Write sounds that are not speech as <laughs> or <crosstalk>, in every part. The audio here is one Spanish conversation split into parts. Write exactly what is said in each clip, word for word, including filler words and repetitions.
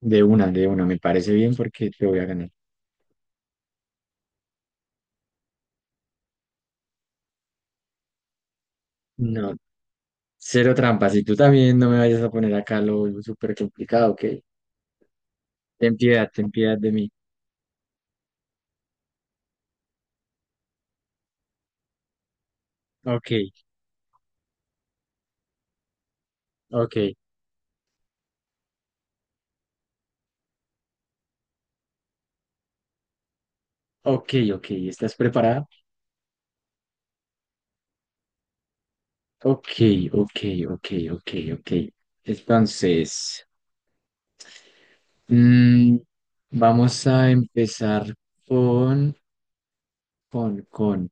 De una, de una, me parece bien porque te voy a ganar. No, cero trampas. Y tú también no me vayas a poner acá lo súper complicado, ¿ok? Ten piedad, ten piedad de mí. Ok, ok, ok, ok. ¿Estás preparada? Ok, ok, ok, ok, ok. Entonces, mm, vamos a empezar con, con, con.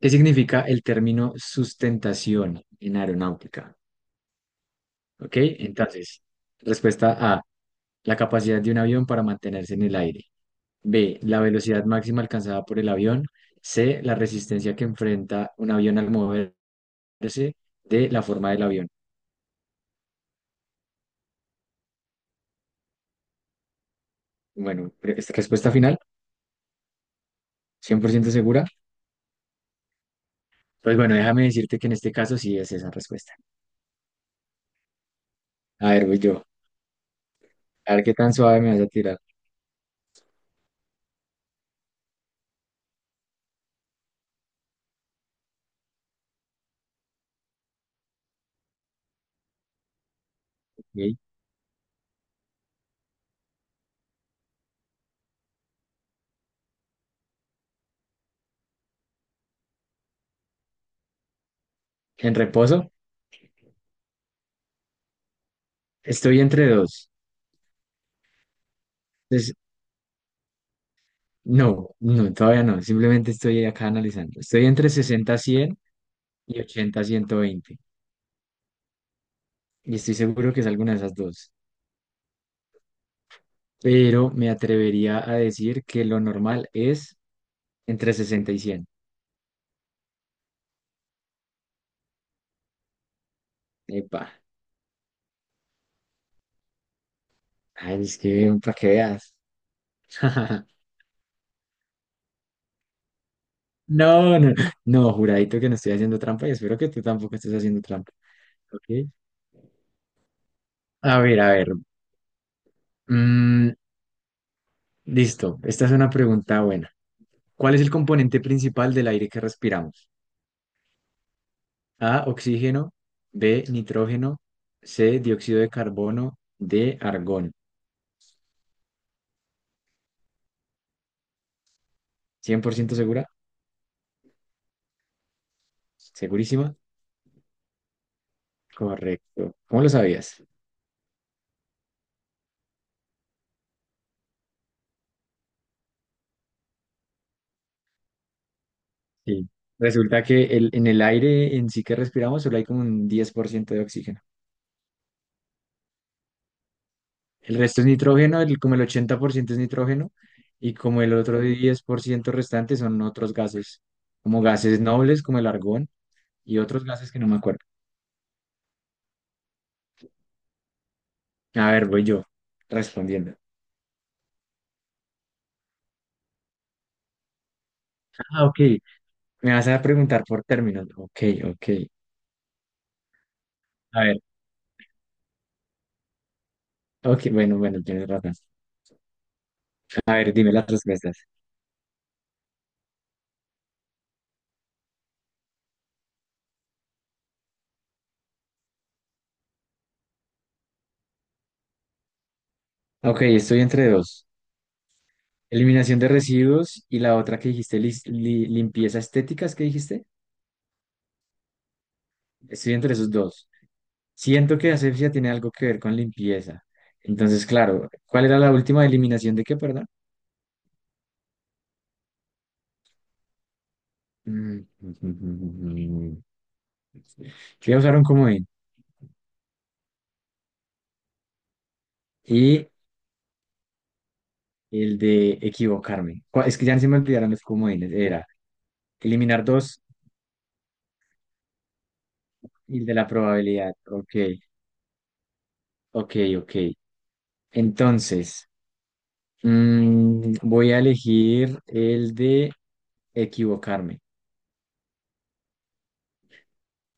¿Qué significa el término sustentación en aeronáutica? Ok, entonces, respuesta A. La capacidad de un avión para mantenerse en el aire. B. La velocidad máxima alcanzada por el avión. C. La resistencia que enfrenta un avión al moverse. D. La forma del avión. Bueno, re- esta respuesta final, cien por ciento segura. Pues bueno, déjame decirte que en este caso sí es esa respuesta. A ver, voy yo. A ver qué tan suave me vas a tirar. Ok. En reposo, estoy entre dos. Entonces, no, no, todavía no. Simplemente estoy acá analizando. Estoy entre sesenta a cien y ochenta a ciento veinte. Y estoy seguro que es alguna de esas dos, pero me atrevería a decir que lo normal es entre sesenta y cien. Epa, ay, es que para que veas. <laughs> No, no, no, juradito que no estoy haciendo trampa y espero que tú tampoco estés haciendo trampa. ¿Ok? A ver, a ver. mm, Listo, esta es una pregunta buena. ¿Cuál es el componente principal del aire que respiramos? A, oxígeno, B, nitrógeno, C, dióxido de carbono, D, argón. ¿Cien por ciento segura? ¿Segurísima? Correcto. ¿Cómo lo sabías? Sí. Resulta que el- en el aire en sí que respiramos solo hay como un diez por ciento de oxígeno. El resto es nitrógeno, el- como el ochenta por ciento es nitrógeno y como el otro diez por ciento restante son otros gases, como gases nobles como el argón y otros gases que no me acuerdo. A ver, voy yo respondiendo. Ah, ok. Me vas a preguntar por términos. Ok, ok. A ver, ok, bueno, bueno, tienes razón. A ver, dime las respuestas. Ok, estoy entre dos. Eliminación de residuos y la otra que dijiste, lis- li- limpieza estética, ¿es que dijiste? Estoy entre esos dos. Siento que asepsia tiene algo que ver con limpieza. Entonces, claro, ¿cuál era la última eliminación de qué, perdón? Mm. <laughs> Yo Voy a usar un comodín y el de equivocarme. Cu- Es que ya se me olvidaron los comodines. Era eliminar dos y el de la probabilidad. Ok, ok, ok. Entonces, mm, voy a elegir el de equivocarme.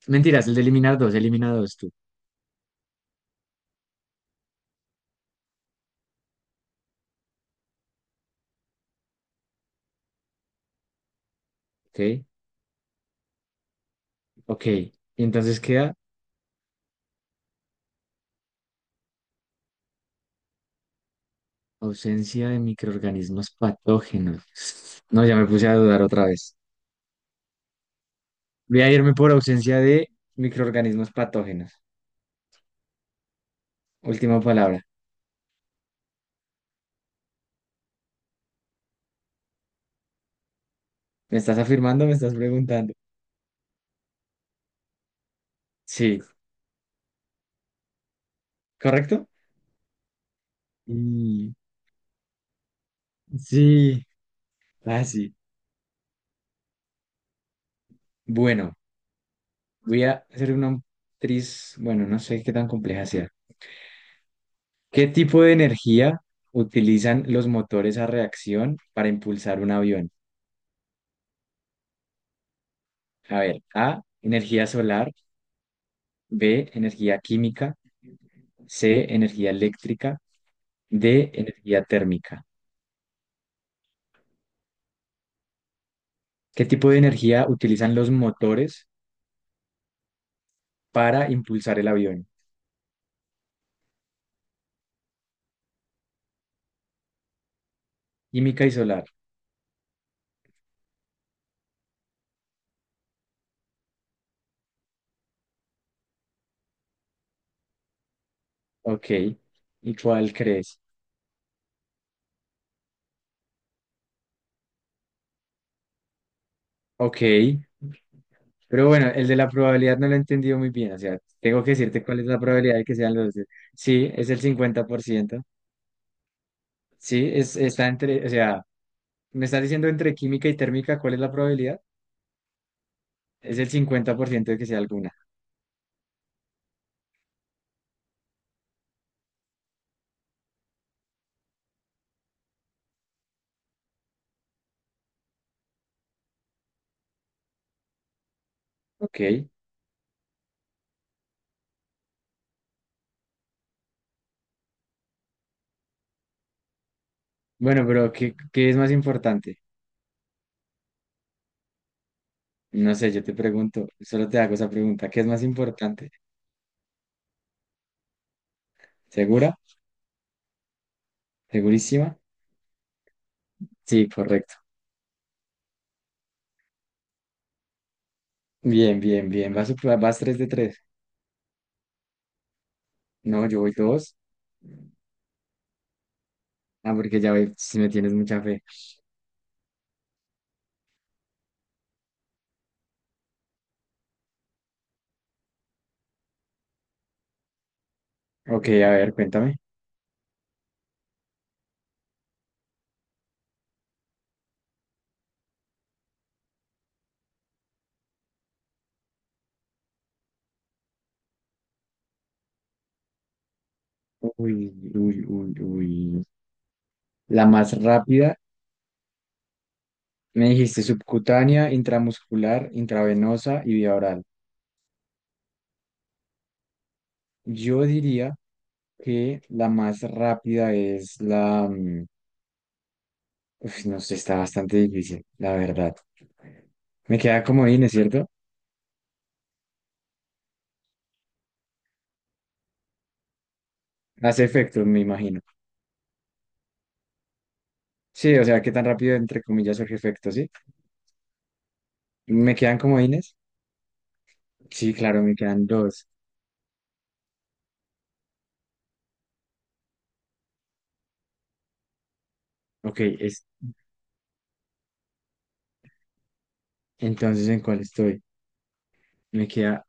Mentiras, el de eliminar dos, elimina dos tú. Ok, ok. Y entonces queda ausencia de microorganismos patógenos. No, ya me puse a dudar otra vez. Voy a irme por ausencia de microorganismos patógenos. Última palabra. ¿Me estás afirmando? ¿Me estás preguntando? Sí, ¿correcto? Y- Sí, así. Bueno, voy a hacer una actriz, bueno, no sé qué tan compleja sea. ¿Qué tipo de energía utilizan los motores a reacción para impulsar un avión? A ver, A, energía solar, B, energía química, C, energía eléctrica, D, energía térmica. ¿Qué tipo de energía utilizan los motores para impulsar el avión? Química y solar. Ok. ¿Y cuál crees? Ok. Pero bueno, el de la probabilidad no lo he entendido muy bien. O sea, tengo que decirte cuál es la probabilidad de que sean los dos. Sí, es el cincuenta por ciento. Sí, es, está entre, o sea, Me estás diciendo entre química y térmica, ¿cuál es la probabilidad? Es el cincuenta por ciento de que sea alguna. Ok. Bueno, pero ¿qué, qué es más importante? No sé, yo te pregunto, solo te hago esa pregunta. ¿Qué es más importante? ¿Segura? ¿Segurísima? Sí, correcto. Bien, bien, bien. Vas, sup- vas tres de tres. No, yo voy dos. Ah, porque ya ve, si me tienes mucha fe. Ok, a ver, cuéntame. Uy, uy, uy, uy. La más rápida, me dijiste subcutánea, intramuscular, intravenosa y vía oral. Yo diría que la más rápida es la... mm, Uf, no sé, está bastante difícil, la verdad. Me queda como es, ¿cierto? Hace efecto, me imagino. Sí, o sea, ¿qué tan rápido, entre comillas, surge efecto, sí? ¿Me quedan comodines? Sí, claro, me quedan dos. Ok, es... entonces, ¿en cuál estoy? Me queda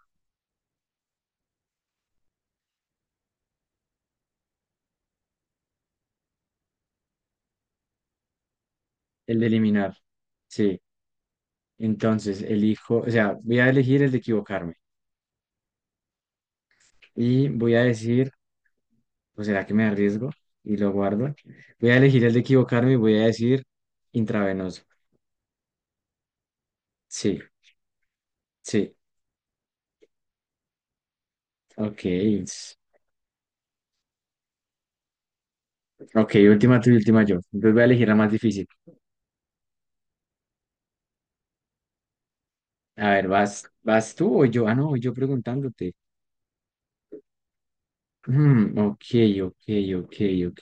el de eliminar. Sí, entonces, elijo, o sea, voy a elegir el de equivocarme. Y voy a decir... ¿O será que me arriesgo y lo guardo? Voy a elegir el de equivocarme y voy a decir intravenoso. Sí, sí. Ok. s- Ok, última tú y última yo. Entonces voy a elegir la más difícil. A ver, ¿vas, vas tú o yo? Ah, no, yo preguntándote. Mm, ok, ok, ok, ok.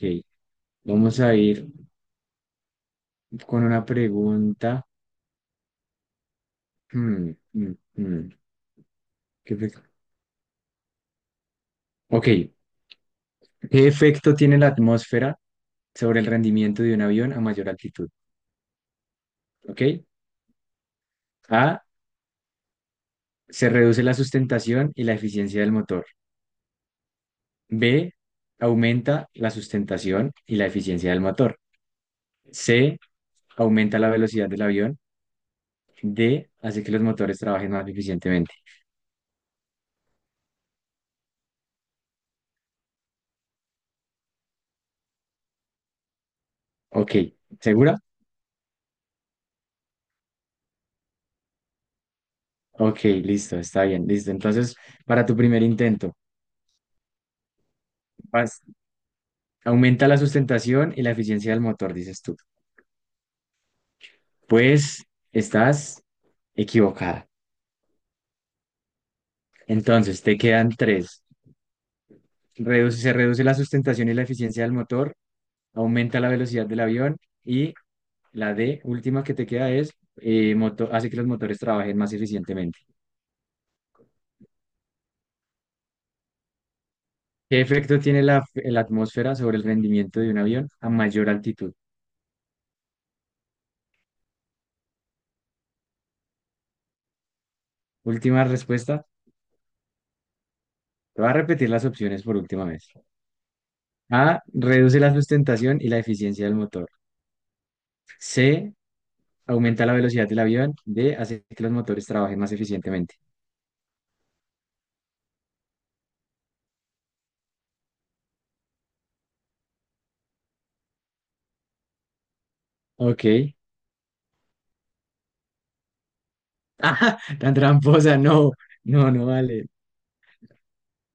Vamos a ir con una pregunta. Mm, mm, mm. ¿Qué fe- ok, ¿qué efecto tiene la atmósfera sobre el rendimiento de un avión a mayor altitud? Ok. A, se reduce la sustentación y la eficiencia del motor. B, aumenta la sustentación y la eficiencia del motor. C, aumenta la velocidad del avión. D, hace que los motores trabajen más eficientemente. Ok, ¿segura? Ok, listo, está bien, listo. Entonces, para tu primer intento, vas- aumenta la sustentación y la eficiencia del motor, dices tú. Pues estás equivocada. Entonces, te quedan tres. Reduce- se reduce la sustentación y la eficiencia del motor, aumenta la velocidad del avión, y la D, última que te queda es eh, moto- hace que los motores trabajen más eficientemente. ¿Qué efecto tiene la, la atmósfera sobre el rendimiento de un avión a mayor altitud? Última respuesta. Te voy a repetir las opciones por última vez. A, reduce la sustentación y la eficiencia del motor. C, aumenta la velocidad del avión. D, hace que los motores trabajen más eficientemente. Ok. <laughs> Ah, tan tramposa, no, no, no vale.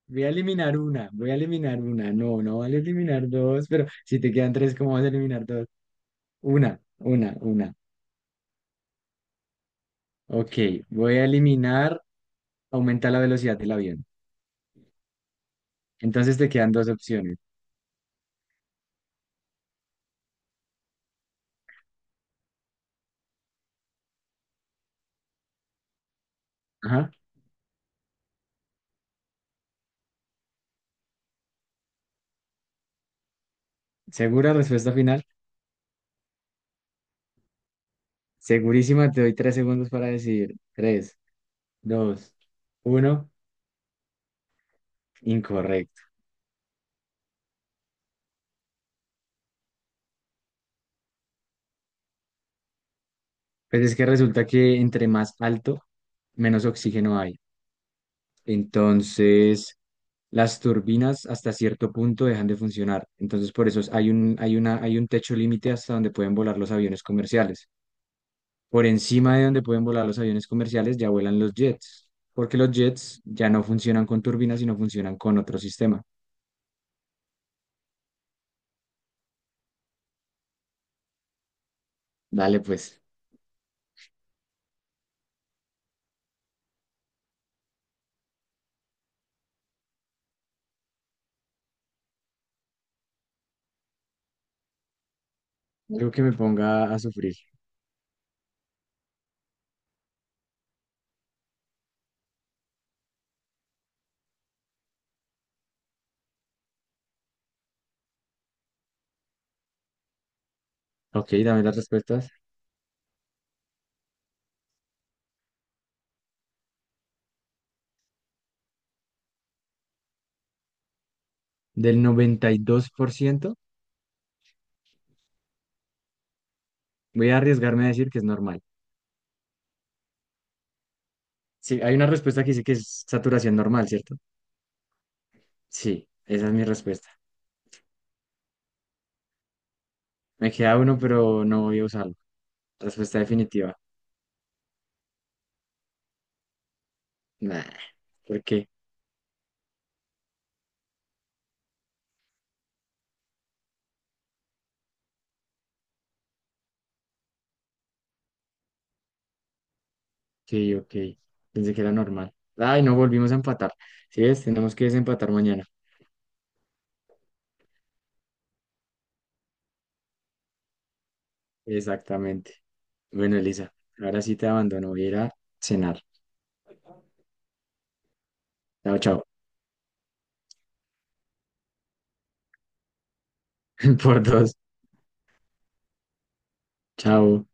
Voy a eliminar una, voy a eliminar una. No, no vale eliminar dos, pero si te quedan tres, ¿cómo vas a eliminar dos? Una, una, una. Ok, voy a eliminar, aumenta la velocidad del avión. Entonces te quedan dos opciones. Ajá. ¿Segura respuesta final? Segurísima, te doy tres segundos para decidir. Tres, dos, uno. Incorrecto. Pues es que resulta que entre más alto, menos oxígeno hay. Entonces, las turbinas hasta cierto punto dejan de funcionar. Entonces, por eso es- hay un, hay una, hay un techo límite hasta donde pueden volar los aviones comerciales. Por encima de donde pueden volar los aviones comerciales ya vuelan los jets, porque los jets ya no funcionan con turbinas, sino funcionan con otro sistema. Dale, pues, algo que me ponga a sufrir. Ok, dame las respuestas. Del noventa y dos por ciento voy a arriesgarme a decir que es normal. Sí, hay una respuesta que dice que es saturación normal, ¿cierto? Sí, esa es mi respuesta. Me queda uno, pero no voy a usarlo. Respuesta definitiva. Nah, ¿por qué? Sí, ok. Pensé que era normal. Ay, no volvimos a empatar. ¿Sí ves? Tenemos que desempatar mañana. Exactamente. Bueno, Elisa, ahora sí te abandono. Voy a ir a cenar. Chao, chao. <laughs> Por dos. Chao.